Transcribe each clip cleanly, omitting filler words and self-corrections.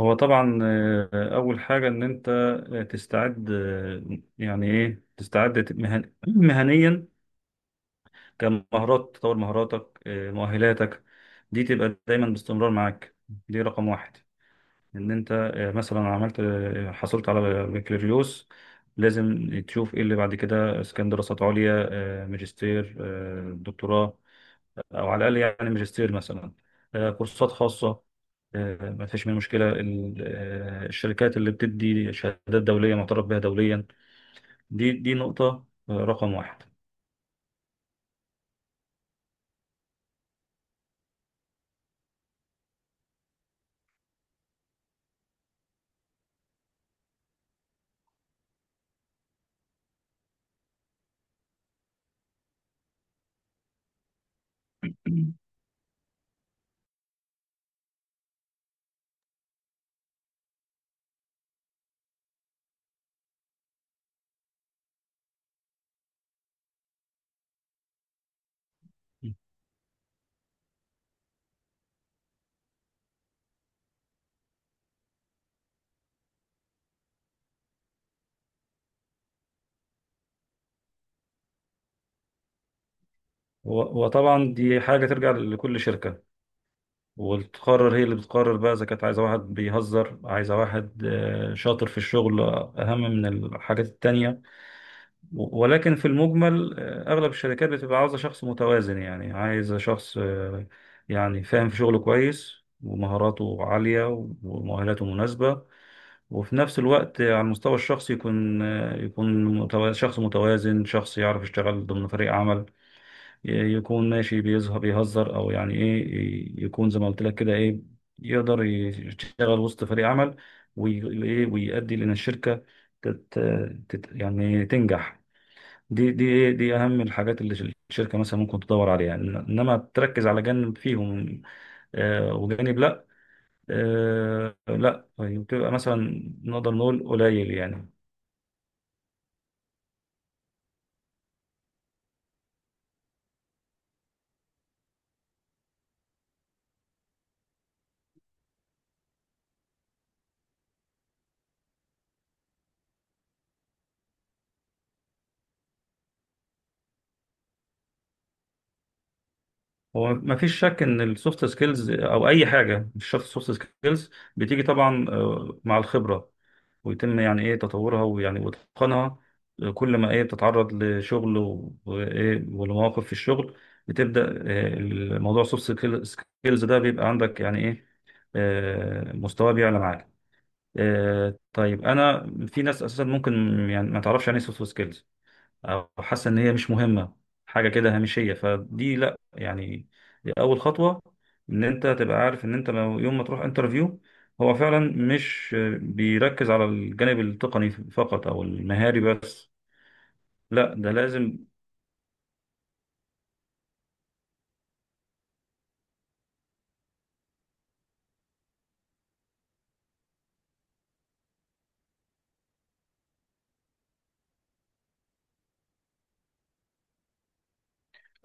هو طبعا أول حاجة إن أنت تستعد يعني إيه تستعد مهنيا، كمهارات تطور مهاراتك، مؤهلاتك دي تبقى دايما باستمرار معاك. دي رقم واحد. إن أنت مثلا عملت حصلت على بكالوريوس. لازم تشوف إيه اللي بعد كده، إذا كان دراسات عليا، ماجستير، دكتوراه، او على الاقل يعني ماجستير مثلا، كورسات خاصه. ما فيش منها مشكله. الشركات اللي بتدي شهادات دوليه معترف بها دوليا. دي نقطه، رقم واحد. وطبعا دي حاجه ترجع لكل شركه، وتقرر هي اللي بتقرر بقى اذا كانت عايزه واحد بيهزر، عايزه واحد شاطر في الشغل، اهم من الحاجات التانيه. ولكن في المجمل، أغلب الشركات بتبقى عاوزة شخص متوازن، يعني عايزة شخص يعني فاهم في شغله كويس، ومهاراته عالية، ومؤهلاته مناسبة، وفي نفس الوقت، على المستوى الشخصي يكون يكون شخص متوازن، شخص يعرف يشتغل ضمن فريق عمل. يكون ماشي بيظهر بيهزر، أو يعني إيه يكون زي ما قلت لك كده إيه. يقدر يشتغل وسط فريق عمل، وي- وإيه، ويؤدي لأن الشركة تت تت يعني تنجح. دي إيه؟ دي اهم الحاجات اللي الشركه مثلا ممكن تدور عليها، انما تركز على جانب فيهم، وجانب لا. لا، طيب بتبقى مثلا نقدر نقول قليل يعني. هو ما فيش شك ان السوفت سكيلز او اي حاجه، مش شرط السوفت سكيلز بتيجي طبعا، مع الخبره، ويتم يعني ايه تطورها، ويعني واتقانها. كل ما ايه بتتعرض لشغل و- وايه ولمواقف في الشغل، بتبدا، الموضوع سوفت سكيلز ده بيبقى عندك يعني ايه، مستواه بيعلى معاك. طيب، انا في ناس اساسا ممكن يعني ما تعرفش يعني ايه سوفت سكيلز، او حاسه ان هي مش مهمه، حاجه كده هامشيه. فدي لا يعني، دي اول خطوه، ان انت تبقى عارف ان انت لو يوم ما تروح انترفيو، هو فعلا مش بيركز على الجانب التقني فقط او المهاري بس. لا، ده لازم.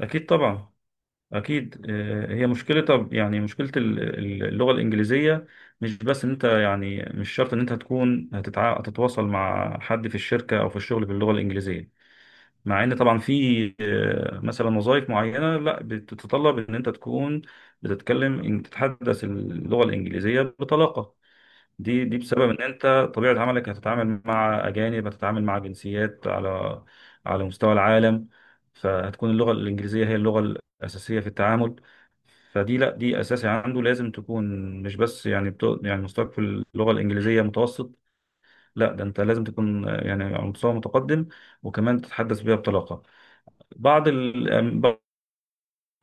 اكيد طبعا، اكيد، هي مشكله. طب يعني مشكله اللغه الانجليزيه، مش بس ان انت يعني مش شرط ان انت هتكون هتتواصل مع حد في الشركه او في الشغل باللغه الانجليزيه، مع ان طبعا في مثلا وظائف معينه لا بتتطلب ان انت تكون بتتكلم، ان تتحدث اللغه الانجليزيه بطلاقه. دي بسبب ان انت طبيعه عملك هتتعامل مع اجانب، هتتعامل مع جنسيات على مستوى العالم. فهتكون اللغه الانجليزيه هي اللغه الاساسيه في التعامل. فدي لا، دي اساسي عنده، لازم تكون. مش بس يعني بتو يعني مستواك في اللغه الانجليزيه متوسط، لا، ده انت لازم تكون يعني على مستوى متقدم، وكمان تتحدث بيها بطلاقه. يعني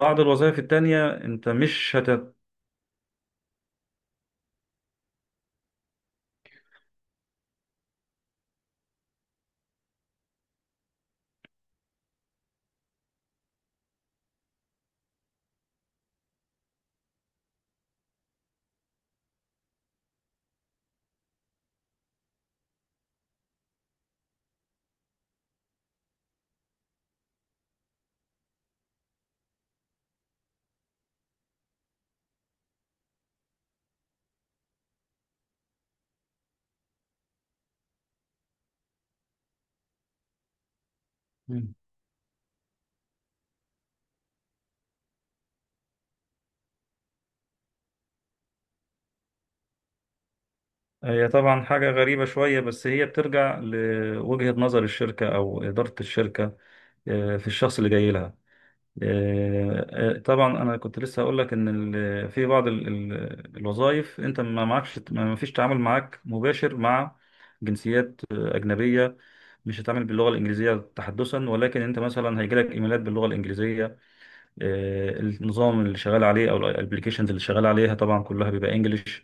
بعض الوظائف التانية انت مش هت. مم. هي طبعا حاجة غريبة شوية، بس هي بترجع لوجهة نظر الشركة أو إدارة الشركة في الشخص اللي جاي لها. طبعا أنا كنت لسه هقول لك إن في بعض الوظائف أنت ما معكش، ما فيش تعامل معاك مباشر مع جنسيات أجنبية. مش هتعامل باللغة الإنجليزية تحدثا، ولكن أنت مثلا هيجيلك إيميلات باللغة الإنجليزية. النظام اللي شغال عليه او الابلكيشنز اللي شغال عليها طبعا كلها بيبقى انجلش.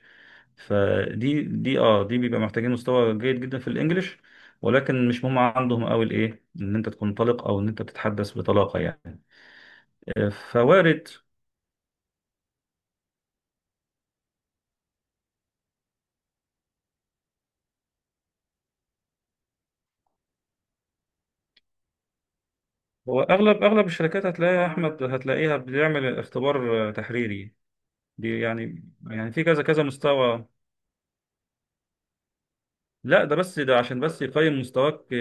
فدي دي اه دي بيبقى محتاجين مستوى جيد جدا في الانجليش، ولكن مش مهم عندهم قوي الايه، ان انت تكون طلق او ان انت تتحدث بطلاقه يعني. فوارد. هو اغلب الشركات هتلاقيها يا احمد، هتلاقيها بتعمل اختبار تحريري. دي يعني، في كذا كذا مستوى. لا، ده بس، ده عشان بس يقيم مستواك آه،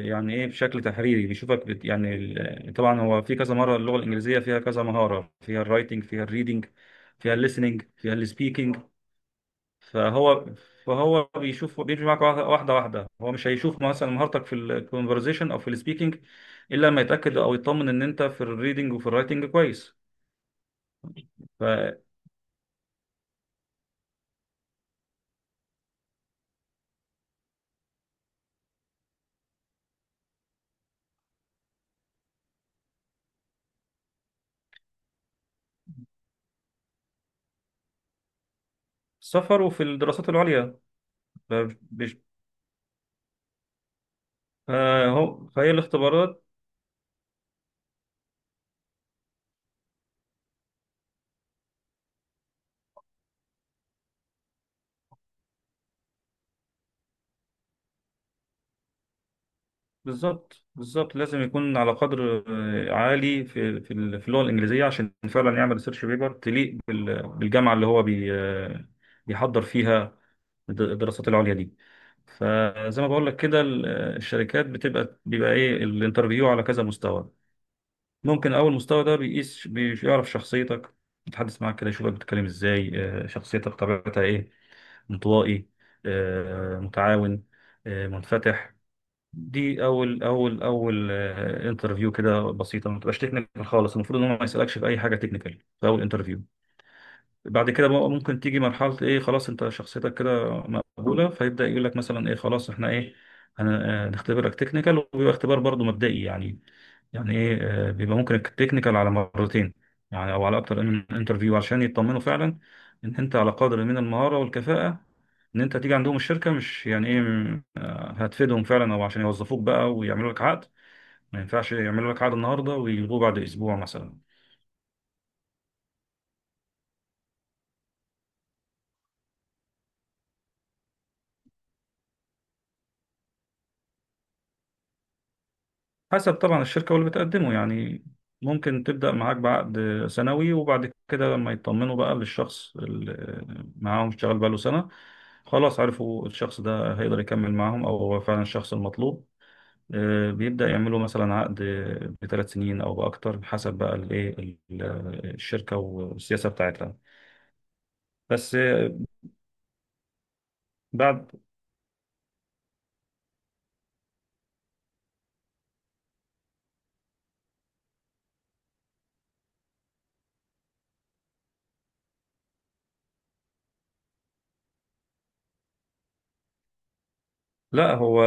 آه، يعني ايه، بشكل تحريري بيشوفك بت يعني طبعا هو في كذا مره اللغه الانجليزيه فيها كذا مهاره، فيها الرايتنج، فيها الريدنج، فيها الليسننج، فيها السبيكنج. فهو فهو بيشوف، بيمشي معاك واحده واحده واحدة. هو مش هيشوف مثلا مهارتك في الكونفرزيشن او في السبيكنج الا لما يتاكد او يطمن ان انت في الريدنج وفي الرايتنج كويس. فالسفر وفي الدراسات العليا. فبش- فهي الاختبارات. بالظبط بالظبط، لازم يكون على قدر عالي في اللغه الانجليزيه، عشان فعلا يعمل ريسيرش بيبر تليق بالجامعه اللي هو بي آه، بيحضر فيها الدراسات العليا دي. فزي ما بقول لك كده الشركات بيبقى ايه، الانترفيو على كذا مستوى. ممكن اول مستوى ده بيقيس، بيعرف شخصيتك، يتحدث معاك كده، يشوفك بتتكلم ازاي شخصيتك طبيعتها ايه، انطوائي متعاون منفتح. دي اول اول اول انترفيو، كده بسيطه، ما تبقاش تكنيكال خالص. المفروض ان هو ما يسالكش في اي حاجه تكنيكال في اول انترفيو. بعد كده بقى ممكن تيجي مرحله ايه، خلاص انت شخصيتك كده مقبوله، فيبدا يقول لك مثلا ايه، خلاص احنا ايه هنختبرك تكنيكال، وبيبقى اختبار برضه مبدئي يعني، يعني ايه، بيبقى ممكن التكنيكال على مرتين، يعني او على اكتر من انترفيو، عشان يطمنوا فعلا ان انت على قدر من المهارة والكفاءة، ان انت تيجي عندهم الشركة مش يعني ايه هتفيدهم فعلا، او عشان يوظفوك بقى ويعملوا لك عقد. ما ينفعش يعملوا لك عقد النهاردة ويلغوه بعد اسبوع مثلا. حسب طبعا الشركة واللي بتقدمه يعني. ممكن تبدأ معاك بعقد سنوي، وبعد كده لما يطمنوا بقى للشخص اللي معاهم اشتغل بقاله سنة، خلاص عرفوا الشخص ده هيقدر يكمل معاهم أو هو فعلا الشخص المطلوب، بيبدأ يعملوا مثلا عقد بـ3 سنين أو بأكتر، حسب بقى الإيه الشركة والسياسة بتاعتها. بس، بعد. لا هو،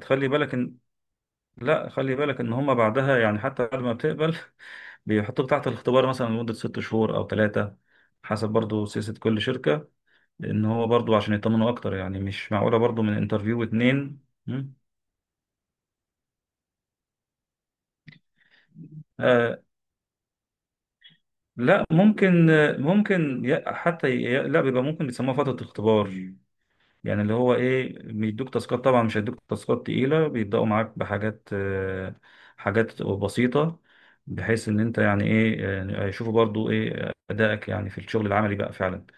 تخلي بالك إن، لا خلي بالك إن هما بعدها يعني حتى بعد ما بتقبل، بيحطوك تحت الاختبار مثلا لمدة 6 شهور أو 3، حسب برضو سياسة كل شركة، لأن هو برضو عشان يطمنوا أكتر، يعني مش معقولة برضو من انترفيو اتنين. مم. آه لا، ممكن ممكن لا، بيبقى ممكن، بيسموها فترة اختبار. يعني اللي هو إيه، بيدوك تاسكات، طبعا مش هيدوك تاسكات تقيلة، بيبدأوا معاك بحاجات، حاجات بسيطة، بحيث إن أنت يعني إيه يشوفوا برضو إيه أدائك، يعني في الشغل العملي بقى فعلا